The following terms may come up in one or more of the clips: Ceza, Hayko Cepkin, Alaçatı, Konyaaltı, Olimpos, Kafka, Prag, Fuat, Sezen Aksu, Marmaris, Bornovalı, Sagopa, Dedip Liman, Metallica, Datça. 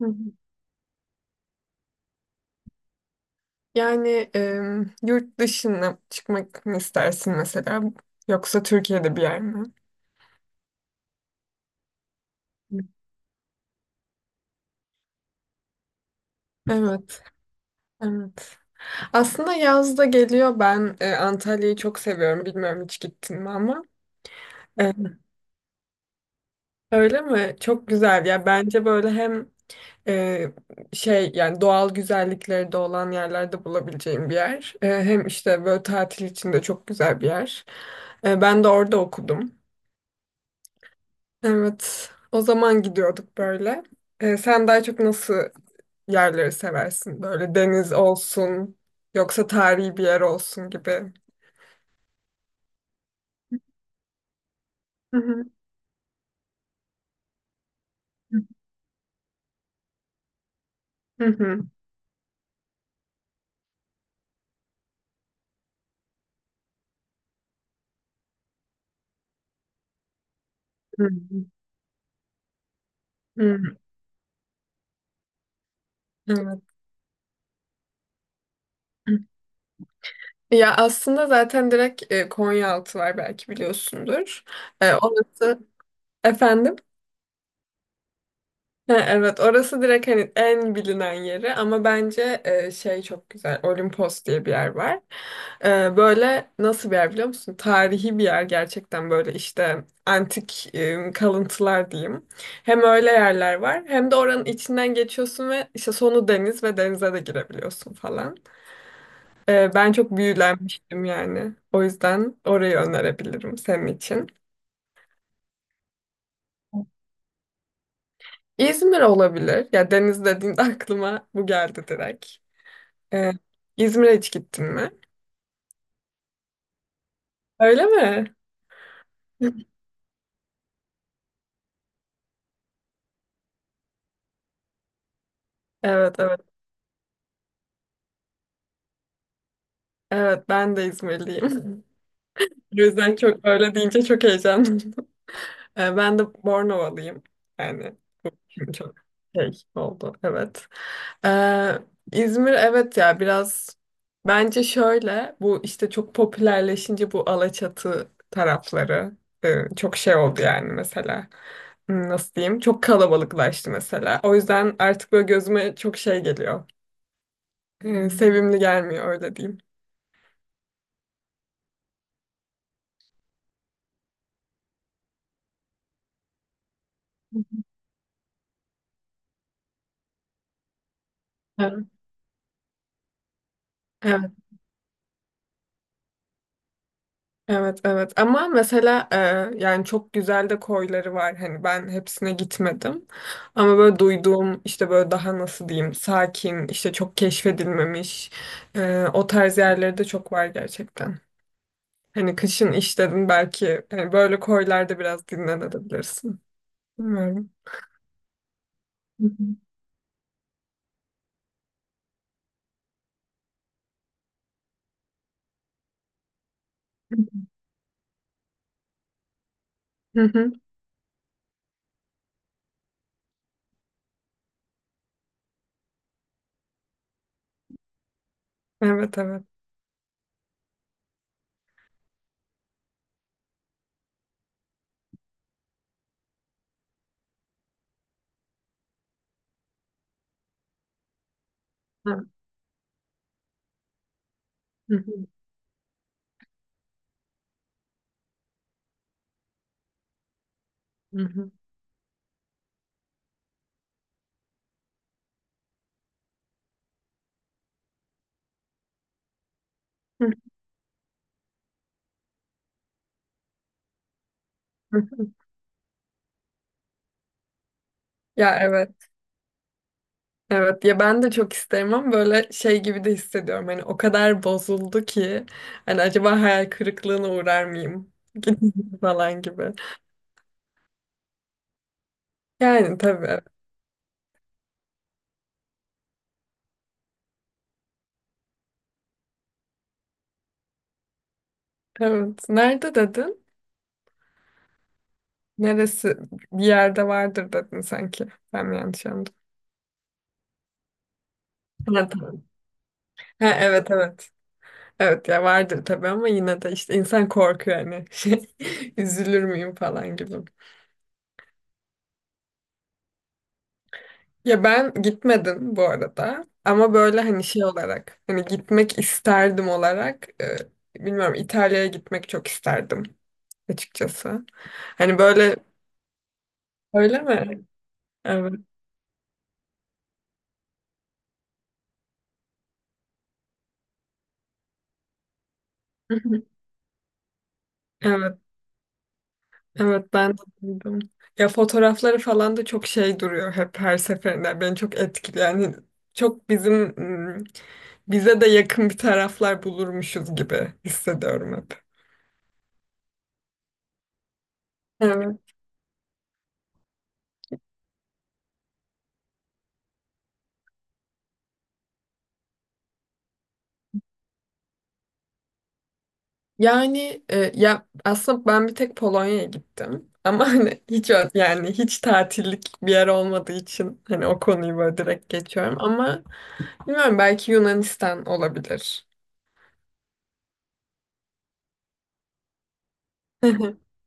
Hı hı. Yurt dışına çıkmak mı istersin mesela? Yoksa Türkiye'de bir yer mi? Hı. Evet, evet. Aslında yaz da geliyor. Ben Antalya'yı çok seviyorum. Bilmiyorum hiç gittin mi ama. E, Öyle mi? Çok güzel ya. Bence böyle hem e, şey yani doğal güzellikleri de olan yerlerde bulabileceğim bir yer. Hem işte böyle tatil için de çok güzel bir yer. Ben de orada okudum. Evet. O zaman gidiyorduk böyle. Sen daha çok nasıl yerleri seversin? Böyle deniz olsun, yoksa tarihi bir yer olsun gibi. Hı hı. Hı hı. Hı hı. Hı. Evet. Ya aslında zaten direkt Konyaaltı var, belki biliyorsundur. Orası efendim. Ha, evet, orası direkt hani en bilinen yeri, ama bence çok güzel Olimpos diye bir yer var. Böyle nasıl bir yer biliyor musun? Tarihi bir yer gerçekten, böyle işte antik kalıntılar diyeyim. Hem öyle yerler var, hem de oranın içinden geçiyorsun ve işte sonu deniz, ve denize de girebiliyorsun falan. Ben çok büyülenmiştim yani. O yüzden orayı önerebilirim senin için. İzmir olabilir. Ya deniz dediğinde aklıma bu geldi direkt. Ee, İzmir'e hiç gittin mi? Öyle mi? Evet, evet. Evet, ben de İzmirliyim. O yüzden çok öyle deyince çok heyecanlıyım. Ben de Bornovalıyım. Yani bu şimdi çok şey oldu. Evet. Ee, İzmir, evet ya, biraz bence şöyle, bu işte çok popülerleşince bu Alaçatı tarafları çok şey oldu yani mesela. Hmm, nasıl diyeyim? Çok kalabalıklaştı mesela. O yüzden artık böyle gözüme çok şey geliyor. Sevimli gelmiyor, öyle diyeyim. Evet, evet, evet, evet. Ama mesela yani çok güzel de koyları var. Hani ben hepsine gitmedim. Ama böyle duyduğum işte, böyle daha nasıl diyeyim, sakin, işte çok keşfedilmemiş o tarz yerleri de çok var gerçekten. Hani kışın işledin belki, hani böyle koylarda biraz dinlenebilirsin. Bilmiyorum. Hı hı. Evet, evet. Hı hı. Hı hı. Hı hı. Ya evet. Evet ya, ben de çok isterim ama böyle şey gibi de hissediyorum. Hani o kadar bozuldu ki, hani acaba hayal kırıklığına uğrar mıyım falan gibi. Yani tabii. Evet. Nerede dedin? Neresi? Bir yerde vardır dedin sanki. Ben mi yanlış anladım? Ha, tamam. Ha, evet, evet. Evet ya, vardır tabii, ama yine de işte insan korkuyor hani, şey, üzülür müyüm falan gibi. Ya ben gitmedim bu arada, ama böyle hani şey olarak, hani gitmek isterdim olarak, bilmiyorum, İtalya'ya gitmek çok isterdim açıkçası. Hani böyle, öyle mi? Evet. Evet. Evet, ben de duydum. Ya fotoğrafları falan da çok şey duruyor hep her seferinde. Beni çok etkiliyor. Yani çok bizim, ım, bize de yakın bir taraflar bulurmuşuz gibi hissediyorum hep. Evet. Yani ya aslında ben bir tek Polonya'ya gittim. Ama hani hiç ö- Yani hiç tatillik bir yer olmadığı için, hani o konuyu böyle direkt geçiyorum. Ama bilmiyorum, belki Yunanistan olabilir.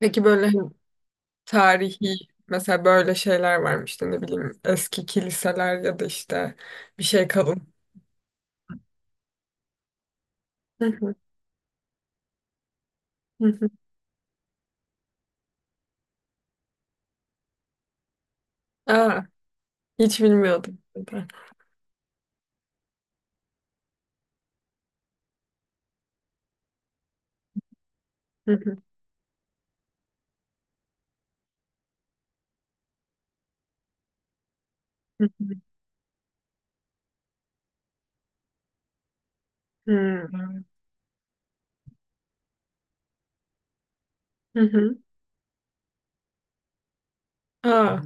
Peki böyle hani tarihi, mesela böyle şeyler varmış, işte ne bileyim, eski kiliseler ya da işte bir şey kalın. Hı hı, hı hı. Aa, hiç bilmiyordum. Hmm. Aa,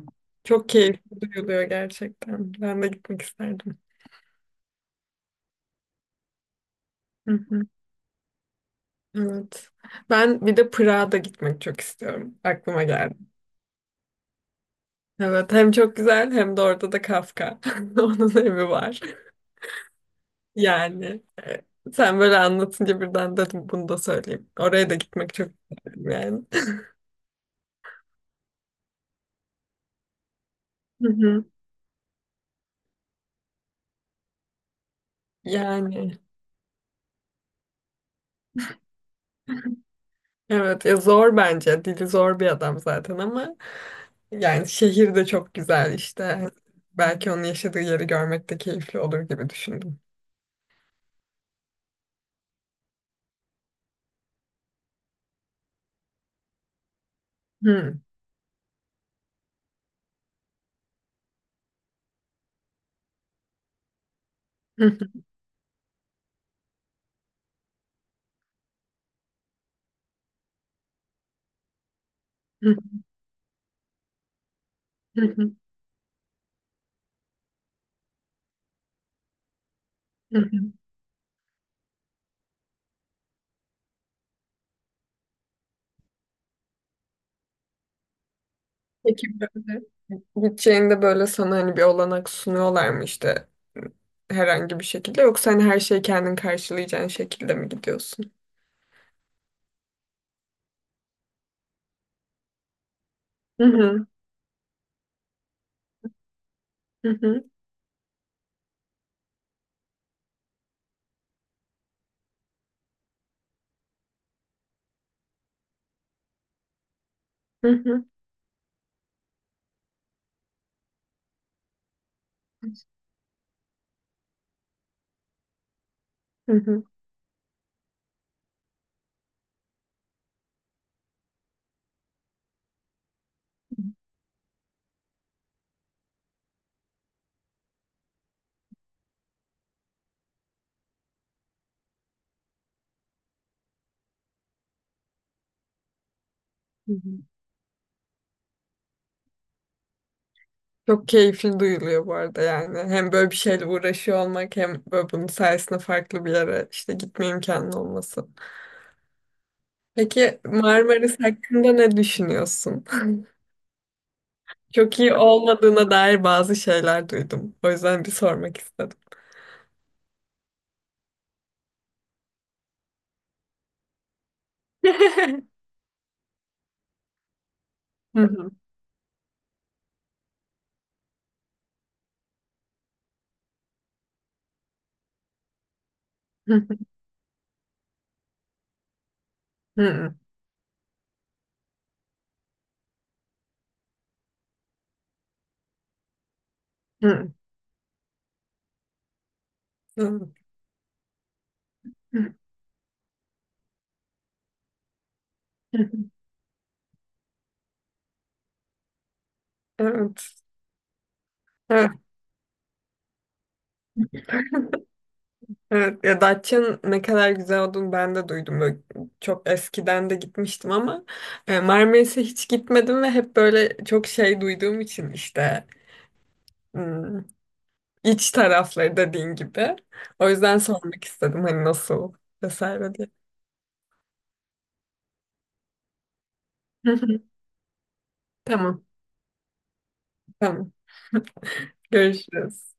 çok keyifli duyuluyor gerçekten. Ben de gitmek isterdim. Hı hı, evet. Ben bir de Prag'a da gitmek çok istiyorum. Aklıma geldi. Evet, hem çok güzel hem de orada da Kafka. Onun evi var. Yani sen böyle anlatınca birden dedim bunu da söyleyeyim. Oraya da gitmek çok isterim yani. Hı hı. Yani evet ya, zor bence. Dili zor bir adam zaten ama yani şehir de çok güzel işte. Belki onun yaşadığı yeri görmek de keyifli olur gibi düşündüm. Hmm. Peki böyle gideceğinde, böyle sana hani bir olanak sunuyorlar mı işte herhangi bir şekilde, yoksa hani her şeyi kendin karşılayacağın şekilde mi gidiyorsun? Hı hı, hı hı, hı hı, hı hı, hı hı. Çok keyifli duyuluyor bu arada yani. Hem böyle bir şeyle uğraşıyor olmak, hem böyle bunun sayesinde farklı bir yere işte gitme imkanı olması. Peki Marmaris hakkında ne düşünüyorsun? Çok iyi olmadığına dair bazı şeyler duydum. O yüzden bir sormak istedim. Hı hı. Hı hı. Hı hı. Hı. Evet. Evet, evet. Ya Datça'nın ne kadar güzel olduğunu ben de duydum. Böyle çok eskiden de gitmiştim, ama Marmaris'e hiç gitmedim ve hep böyle çok şey duyduğum için işte, hmm, iç tarafları dediğin gibi. O yüzden sormak istedim, hani nasıl vesaire. Tamam, tamam. Görüşürüz.